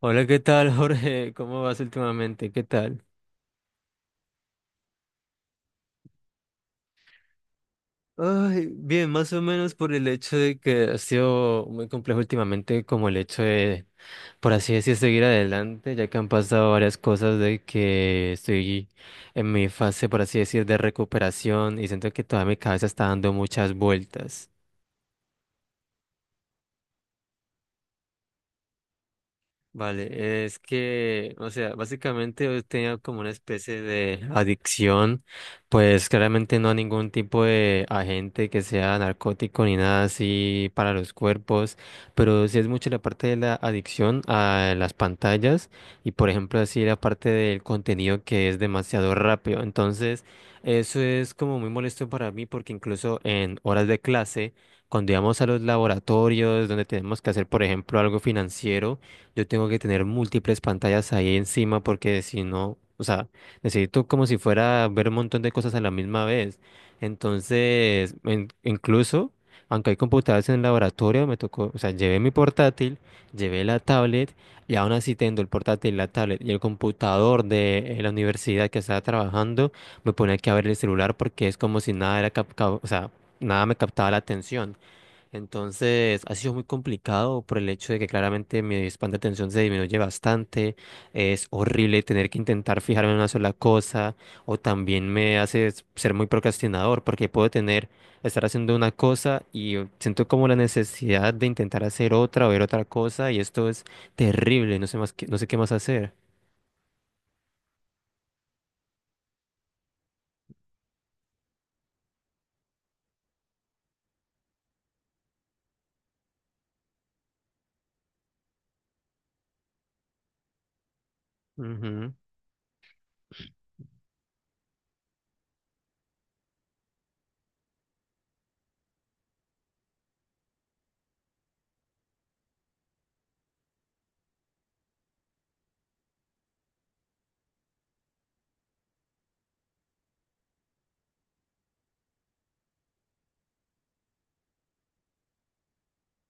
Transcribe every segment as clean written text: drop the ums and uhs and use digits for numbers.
Hola, ¿qué tal, Jorge? ¿Cómo vas últimamente? ¿Qué tal? Ay, bien, más o menos por el hecho de que ha sido muy complejo últimamente, como el hecho de, por así decir, seguir adelante, ya que han pasado varias cosas de que estoy en mi fase, por así decir, de recuperación y siento que toda mi cabeza está dando muchas vueltas. Vale, es que, o sea, básicamente yo tenía como una especie de adicción, pues claramente no a ningún tipo de agente que sea narcótico ni nada así para los cuerpos, pero sí es mucho la parte de la adicción a las pantallas y por ejemplo así la parte del contenido que es demasiado rápido. Entonces, eso es como muy molesto para mí porque incluso en horas de clase, cuando íbamos a los laboratorios donde tenemos que hacer, por ejemplo, algo financiero, yo tengo que tener múltiples pantallas ahí encima porque si no, o sea, necesito como si fuera ver un montón de cosas a la misma vez. Entonces, incluso, aunque hay computadoras en el laboratorio, me tocó, o sea, llevé mi portátil, llevé la tablet y aún así tengo el portátil, la tablet y el computador de la universidad que estaba trabajando, me ponía aquí a ver el celular porque es como si nada era o sea, nada me captaba la atención. Entonces, ha sido muy complicado por el hecho de que claramente mi span de atención se disminuye bastante. Es horrible tener que intentar fijarme en una sola cosa o también me hace ser muy procrastinador porque puedo tener, estar haciendo una cosa y siento como la necesidad de intentar hacer otra o ver otra cosa y esto es terrible, no sé qué más hacer. Ujú.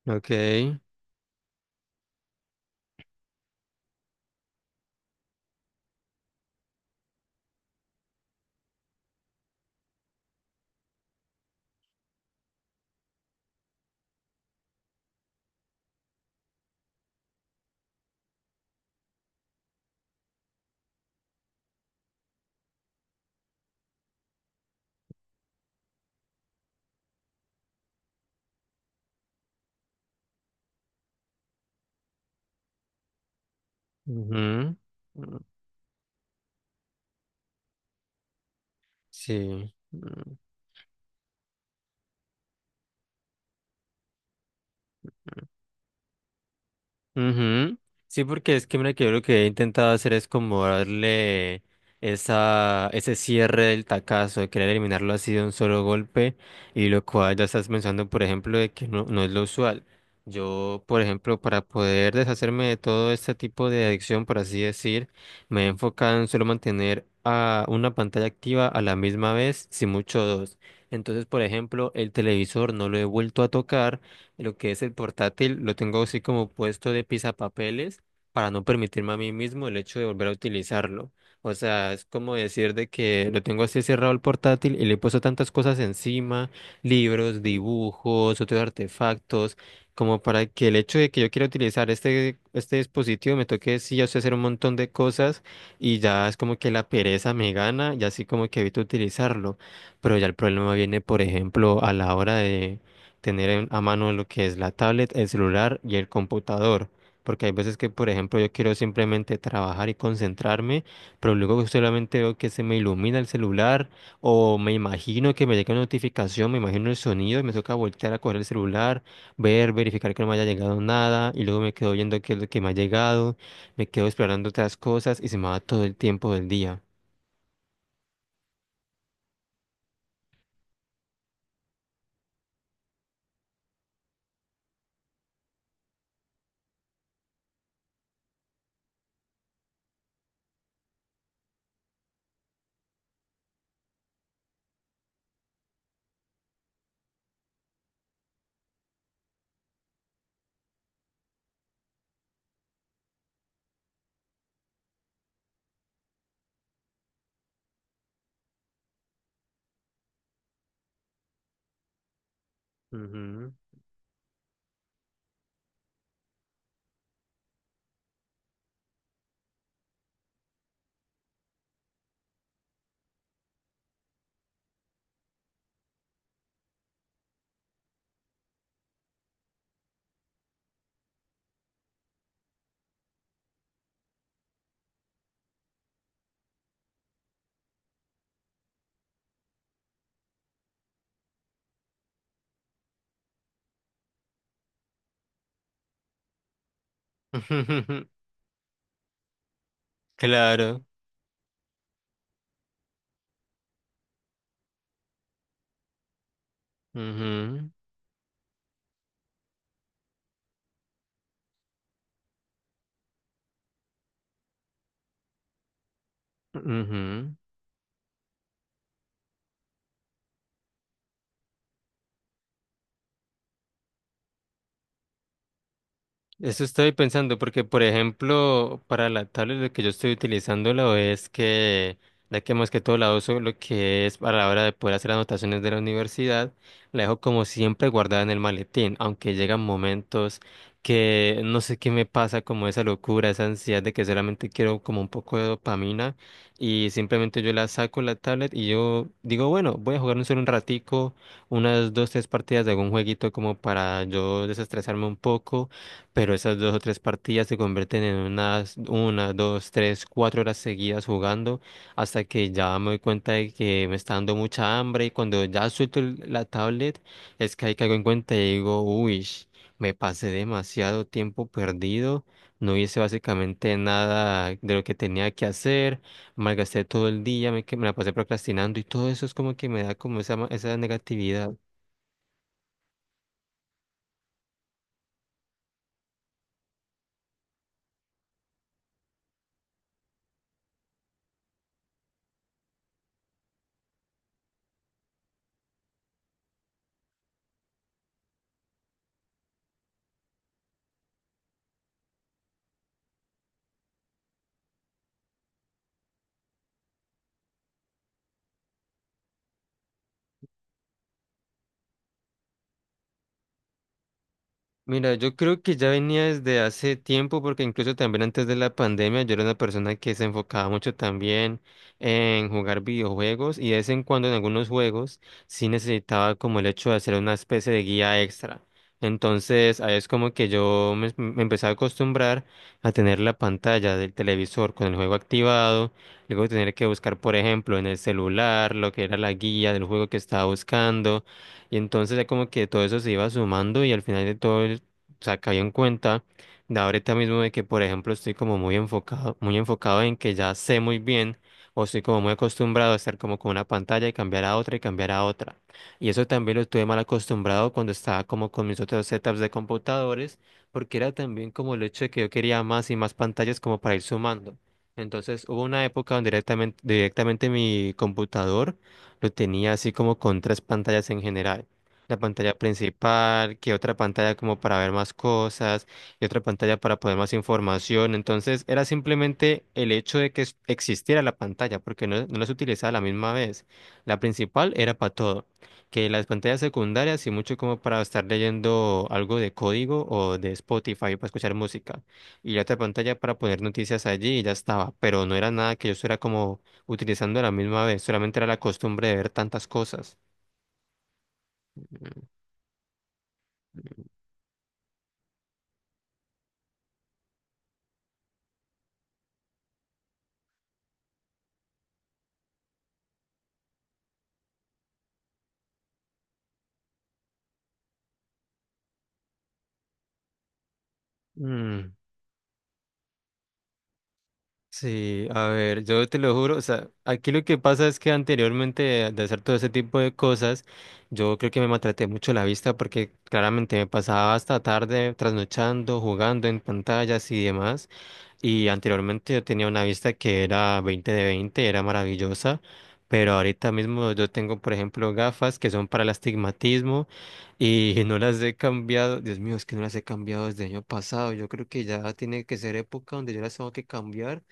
Ok. Ujú. Mm. Sí. Mm. Ujú. Sí, porque es que mira que yo lo que he intentado hacer es como darle ese cierre del tacazo, de querer eliminarlo así de un solo golpe, y lo cual ya estás pensando, por ejemplo, de que no, no es lo usual. Yo, por ejemplo, para poder deshacerme de todo este tipo de adicción, por así decir, me he enfocado en solo mantener a una pantalla activa a la misma vez, si mucho dos. Entonces, por ejemplo, el televisor no lo he vuelto a tocar, lo que es el portátil, lo tengo así como puesto de pisapapeles para no permitirme a mí mismo el hecho de volver a utilizarlo. O sea, es como decir de que lo tengo así cerrado el portátil y le he puesto tantas cosas encima, libros, dibujos, otros artefactos, como para que el hecho de que yo quiera utilizar este dispositivo me toque sí, o sea, hacer un montón de cosas y ya es como que la pereza me gana y así como que evito utilizarlo. Pero ya el problema viene, por ejemplo, a la hora de tener a mano lo que es la tablet, el celular y el computador. Porque hay veces que, por ejemplo, yo quiero simplemente trabajar y concentrarme, pero luego solamente veo que se me ilumina el celular o me imagino que me llega una notificación, me imagino el sonido y me toca voltear a coger el celular, verificar que no me haya llegado nada y luego me quedo viendo qué es lo que me ha llegado, me quedo explorando otras cosas y se me va todo el tiempo del día. Ujú. Claro. Ujú. Ujú. Eso estoy pensando porque, por ejemplo, para la tablet lo que yo estoy utilizando lo es que, ya que más que todo la uso lo que es para la hora de poder hacer anotaciones de la universidad, la dejo como siempre guardada en el maletín, aunque llegan momentos que no sé qué me pasa, como esa locura, esa ansiedad de que solamente quiero como un poco de dopamina y simplemente yo la saco la tablet y yo digo, bueno, voy a jugar un solo un ratico, unas dos, tres partidas de algún jueguito como para yo desestresarme un poco, pero esas dos o tres partidas se convierten en unas una, dos, tres, cuatro horas seguidas jugando hasta que ya me doy cuenta de que me está dando mucha hambre y cuando ya suelto la tablet es que ahí caigo en cuenta y digo, uy, me pasé demasiado tiempo perdido, no hice básicamente nada de lo que tenía que hacer, malgasté todo el día, me la pasé procrastinando y todo eso es como que me da como esa negatividad. Mira, yo creo que ya venía desde hace tiempo, porque incluso también antes de la pandemia yo era una persona que se enfocaba mucho también en jugar videojuegos y de vez en cuando en algunos juegos sí necesitaba como el hecho de hacer una especie de guía extra. Entonces, ahí es como que yo me empecé a acostumbrar a tener la pantalla del televisor con el juego activado, luego tener que buscar, por ejemplo, en el celular lo que era la guía del juego que estaba buscando. Y entonces ya como que todo eso se iba sumando y al final de todo, o sea, caí en cuenta de ahorita mismo de que, por ejemplo, estoy como muy enfocado en que ya sé muy bien o estoy como muy acostumbrado a estar como con una pantalla y cambiar a otra y cambiar a otra. Y eso también lo estuve mal acostumbrado cuando estaba como con mis otros setups de computadores, porque era también como el hecho de que yo quería más y más pantallas como para ir sumando. Entonces hubo una época donde directamente mi computador lo tenía así como con tres pantallas en general. La pantalla principal, que otra pantalla como para ver más cosas, y otra pantalla para poner más información. Entonces era simplemente el hecho de que existiera la pantalla, porque no, no las utilizaba a la misma vez. La principal era para todo, que las pantallas secundarias y mucho como para estar leyendo algo de código o de Spotify para escuchar música. Y la otra pantalla para poner noticias allí y ya estaba, pero no era nada que yo fuera como utilizando la misma vez. Solamente era la costumbre de ver tantas cosas. Mm, sí, a ver, yo te lo juro, o sea, aquí lo que pasa es que anteriormente de, hacer todo ese tipo de cosas, yo creo que me maltraté mucho la vista porque claramente me pasaba hasta tarde trasnochando, jugando en pantallas y demás. Y anteriormente yo tenía una vista que era 20/20, era maravillosa, pero ahorita mismo yo tengo, por ejemplo, gafas que son para el astigmatismo y no las he cambiado. Dios mío, es que no las he cambiado desde el año pasado. Yo creo que ya tiene que ser época donde yo las tengo que cambiar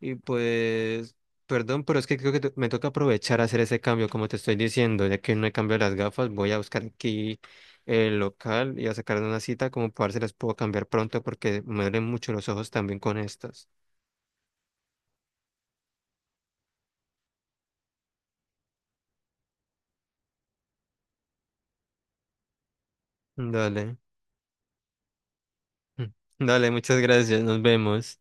y pues, perdón, pero es que creo que me toca aprovechar a hacer ese cambio, como te estoy diciendo, ya que no he cambiado las gafas, voy a buscar aquí el local y a sacar una cita como para ver si las puedo cambiar pronto porque me duelen mucho los ojos también con estas. Dale, dale, muchas gracias, nos vemos.